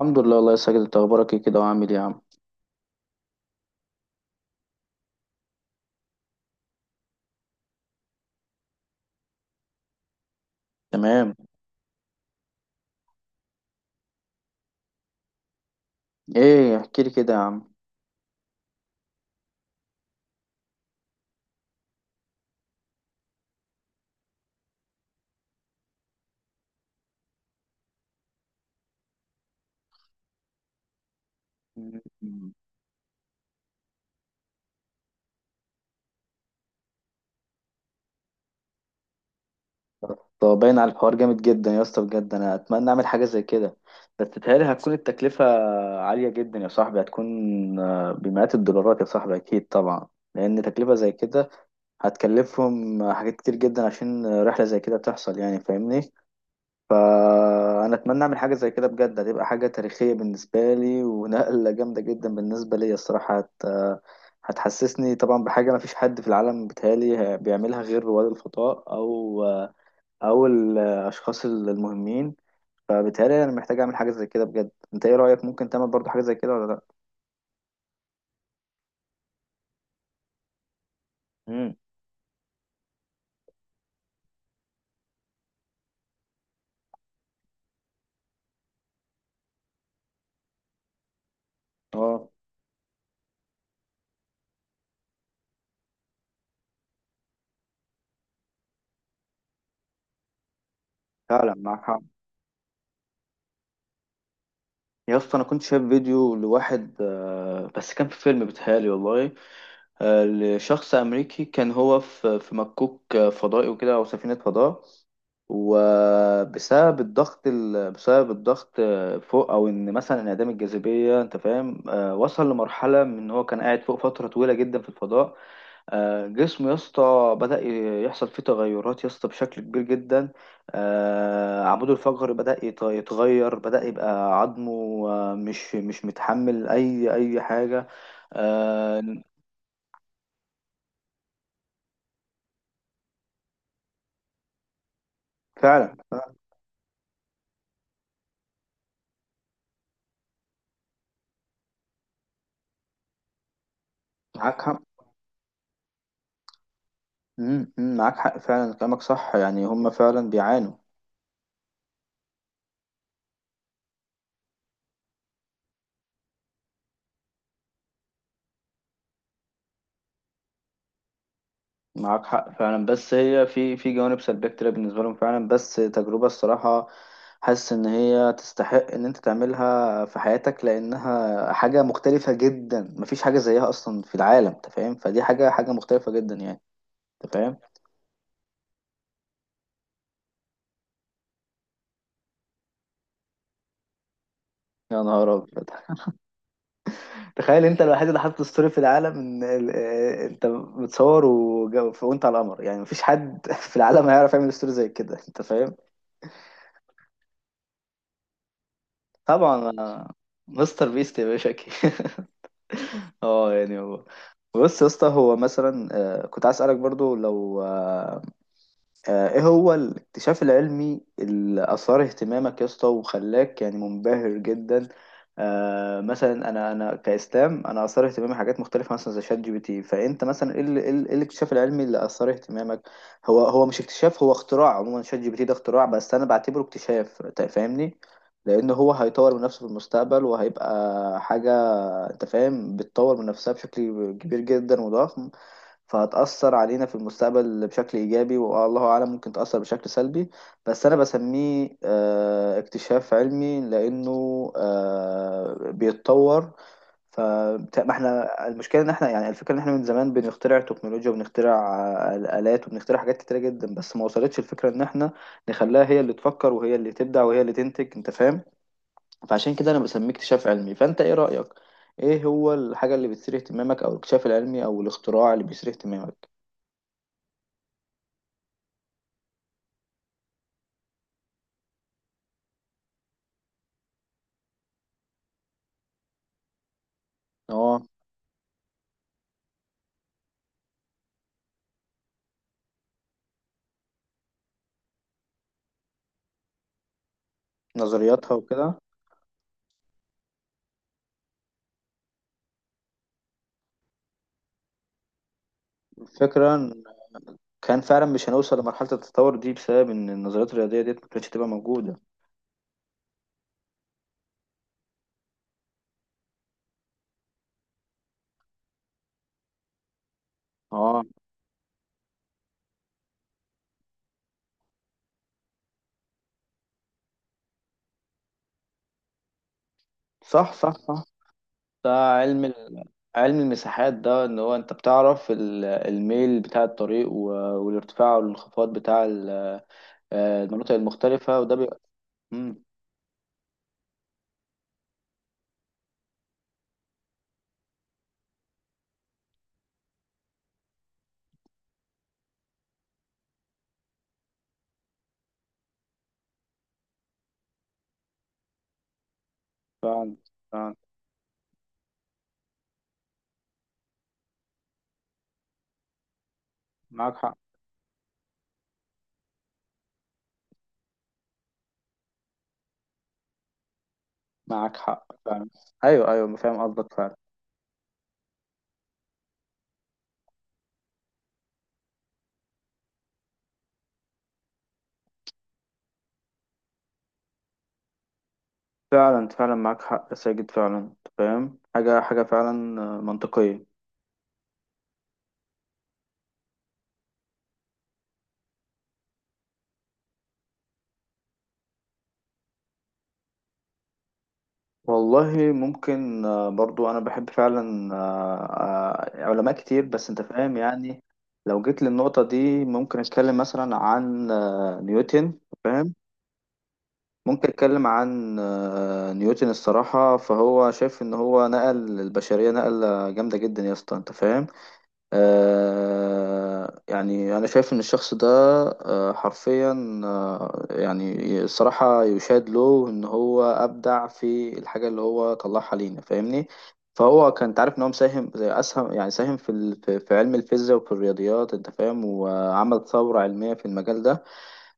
الحمد لله والله يا ساجد، انت اخبارك ايه كده وعامل ايه يا عم؟ تمام. ايه، احكي لي كده يا عم. مم. طب باين على الحوار جامد جدا يا اسطى بجد، انا اتمنى اعمل حاجه زي كده، بس تتهيألي هتكون التكلفه عاليه جدا يا صاحبي. هتكون بمئات الدولارات يا صاحبي اكيد طبعا، لان تكلفه زي كده هتكلفهم حاجات كتير جدا عشان رحله زي كده تحصل، يعني فاهمني. فانا اتمنى اعمل حاجه زي كده بجد، هتبقى حاجه تاريخيه بالنسبه لي ونقله جامده جدا بالنسبه لي الصراحه. هتحسسني طبعا بحاجه ما فيش حد في العالم بيتهيألي بيعملها غير رواد الفضاء او الاشخاص المهمين. فبالتالي انا محتاج اعمل حاجه زي كده بجد. انت ايه رايك؟ ممكن تعمل برضو حاجه زي كده ولا لا؟ امم، اه فعلا معاك حق. يا اسطى انا كنت شايف فيديو لواحد بس كان في فيلم بيتهيألي والله، لشخص أمريكي، كان هو في مكوك فضائي وكده أو سفينة فضاء. وبسبب بسبب الضغط فوق، او ان مثلا انعدام الجاذبيه، انت فاهم، وصل لمرحله من ان هو كان قاعد فوق فتره طويله جدا في الفضاء. جسمه يا اسطى يحصل فيه تغيرات يا اسطى بشكل كبير جدا. عموده الفقري يتغير، بدا يبقى عظمه مش متحمل اي حاجه. آه، فعلا معاك حق. مم، مم، معاك حق فعلا، كلامك صح، يعني هم فعلا بيعانوا. معاك حق فعلا، بس هي في جوانب سلبية كتير بالنسبة لهم فعلا. بس تجربة الصراحة حاسس إن هي تستحق إن أنت تعملها في حياتك، لأنها حاجة مختلفة جدا، مفيش حاجة زيها أصلا في العالم، أنت فاهم. فدي حاجة حاجة مختلفة جدا يعني، أنت فاهم. يا نهار أبيض! تخيل أنت الوحيد اللي حاطط ستوري في العالم، إن أنت متصور وأنت على القمر، يعني مفيش حد في العالم هيعرف يعمل ستوري زي كده، أنت فاهم. طبعا، مستر بيست يا باشا أكيد. اه يعني هو، بص يا اسطى هو مثلا، كنت عايز اسالك برضو لو، ايه هو الاكتشاف العلمي اللي اثار اهتمامك يا اسطى وخلاك يعني منبهر جدا؟ مثلا انا كاسلام، انا اثار اهتمامي حاجات مختلفه مثلا زي شات جي بي تي. فانت مثلا ايه ال- إيه ال- إيه الاكتشاف العلمي اللي اثار اهتمامك؟ هو مش اكتشاف، هو اختراع. عموما شات جي بي تي ده اختراع بس انا بعتبره اكتشاف، أنت فاهمني. لان هو هيطور من نفسه في المستقبل وهيبقى حاجه، انت فاهم، بتطور من نفسها بشكل كبير جدا وضخم. فهتأثر علينا في المستقبل بشكل إيجابي، والله أعلم ممكن تأثر بشكل سلبي. بس أنا بسميه اكتشاف علمي لأنه بيتطور. ف ما احنا المشكلة إن احنا، يعني الفكرة إن احنا من زمان بنخترع تكنولوجيا وبنخترع آلات وبنخترع حاجات كتيرة جدا، بس ما وصلتش الفكرة إن احنا نخليها هي اللي تفكر وهي اللي تبدع وهي اللي تنتج، أنت فاهم. فعشان كده أنا بسميه اكتشاف علمي. فأنت إيه رأيك؟ إيه هو الحاجة اللي بتثير اهتمامك، أو الاكتشاف العلمي أو الاختراع اللي بيثير اهتمامك؟ اه، نظرياتها وكده. الفكرة إن كان فعلا مش هنوصل لمرحلة التطور دي بسبب إن النظريات الرياضية ديت ما كانتش تبقى موجودة. اه. صح، صح، صح. ده علم علم المساحات، ده إن هو أنت بتعرف الميل بتاع الطريق والارتفاع والانخفاض بتاع المناطق المختلفة، وده بيبقى مم، فعلا. فعلا معاك حق. معاك حق فعلا. أيوه، أيوه، فاهم قصدك فعلا. فعلا، فعلا معاك حق يا ساجد، فعلا أنت فاهم حاجة حاجة فعلا منطقية. والله ممكن، برضو انا بحب فعلا علماء كتير، بس انت فاهم يعني. لو جيت للنقطة دي ممكن اتكلم مثلا عن نيوتن. فاهم. ممكن اتكلم عن نيوتن الصراحة. فهو شايف ان هو نقل البشرية نقلة جامدة جدا يا اسطى، انت فاهم. يعني أنا شايف إن الشخص ده حرفيا يعني الصراحة يشاد له إن هو أبدع في الحاجة اللي هو طلعها لينا، فاهمني. فهو كان، تعرف إن هو مساهم زي أسهم، يعني ساهم في ال- في في علم الفيزياء وفي الرياضيات، أنت فاهم. وعمل ثورة علمية في المجال ده.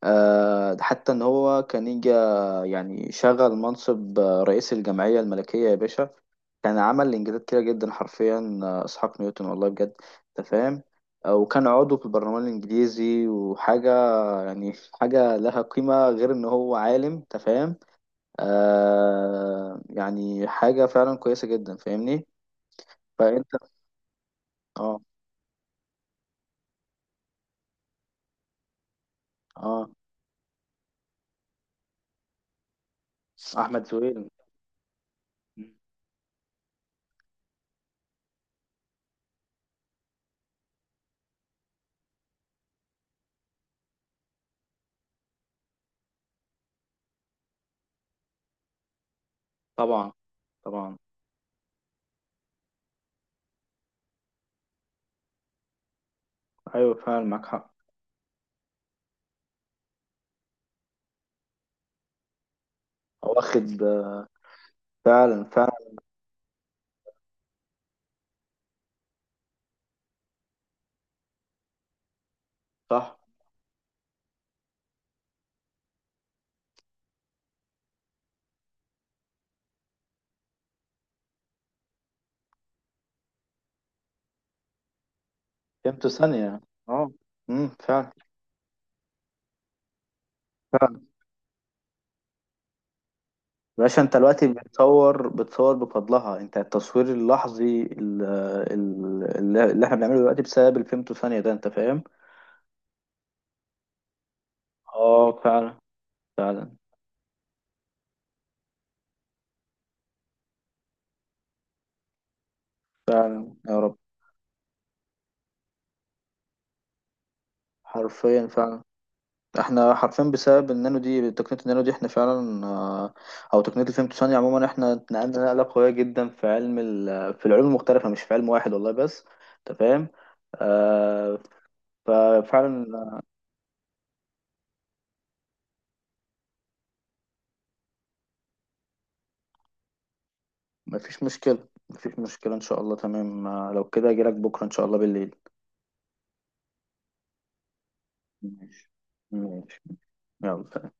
حتى ان هو كان يجي يعني شغل منصب رئيس الجمعية الملكية يا باشا. كان عمل انجازات كتيرة جدا، حرفيا، اسحاق نيوتن والله بجد، انت فاهم. وكان عضو في البرلمان الانجليزي وحاجة يعني، حاجة لها قيمة غير ان هو عالم، انت فاهم. آه يعني حاجة فعلا كويسة جدا، فاهمني. فانت. اه. اه، احمد زويل. طبعا. طبعا. ايوه فعلا معاك حق. واخد فعلا، فعلا. صح. قيمته ثانية. اه. امم. فعلا، فعلا. باشا، انت دلوقتي بتصور بفضلها انت. التصوير اللحظي اللي احنا بنعمله دلوقتي بسبب الفيمتو ثانية ده، انت فاهم. اه فعلا. فعلا. فعلا يا رب. حرفيا فعلا. احنا حرفيا بسبب النانو دي، تقنية النانو دي، احنا فعلا، او تقنية الفيمتو ثانية عموما، احنا اتنقلنا نقلة قوية جدا في علم في العلوم المختلفة مش في علم واحد والله، بس انت فاهم. آه، ففعلا. مفيش مشكلة، مفيش مشكلة إن شاء الله. تمام، لو كده أجيلك بكرة إن شاء الله بالليل. ماشي. ماشي. يلا.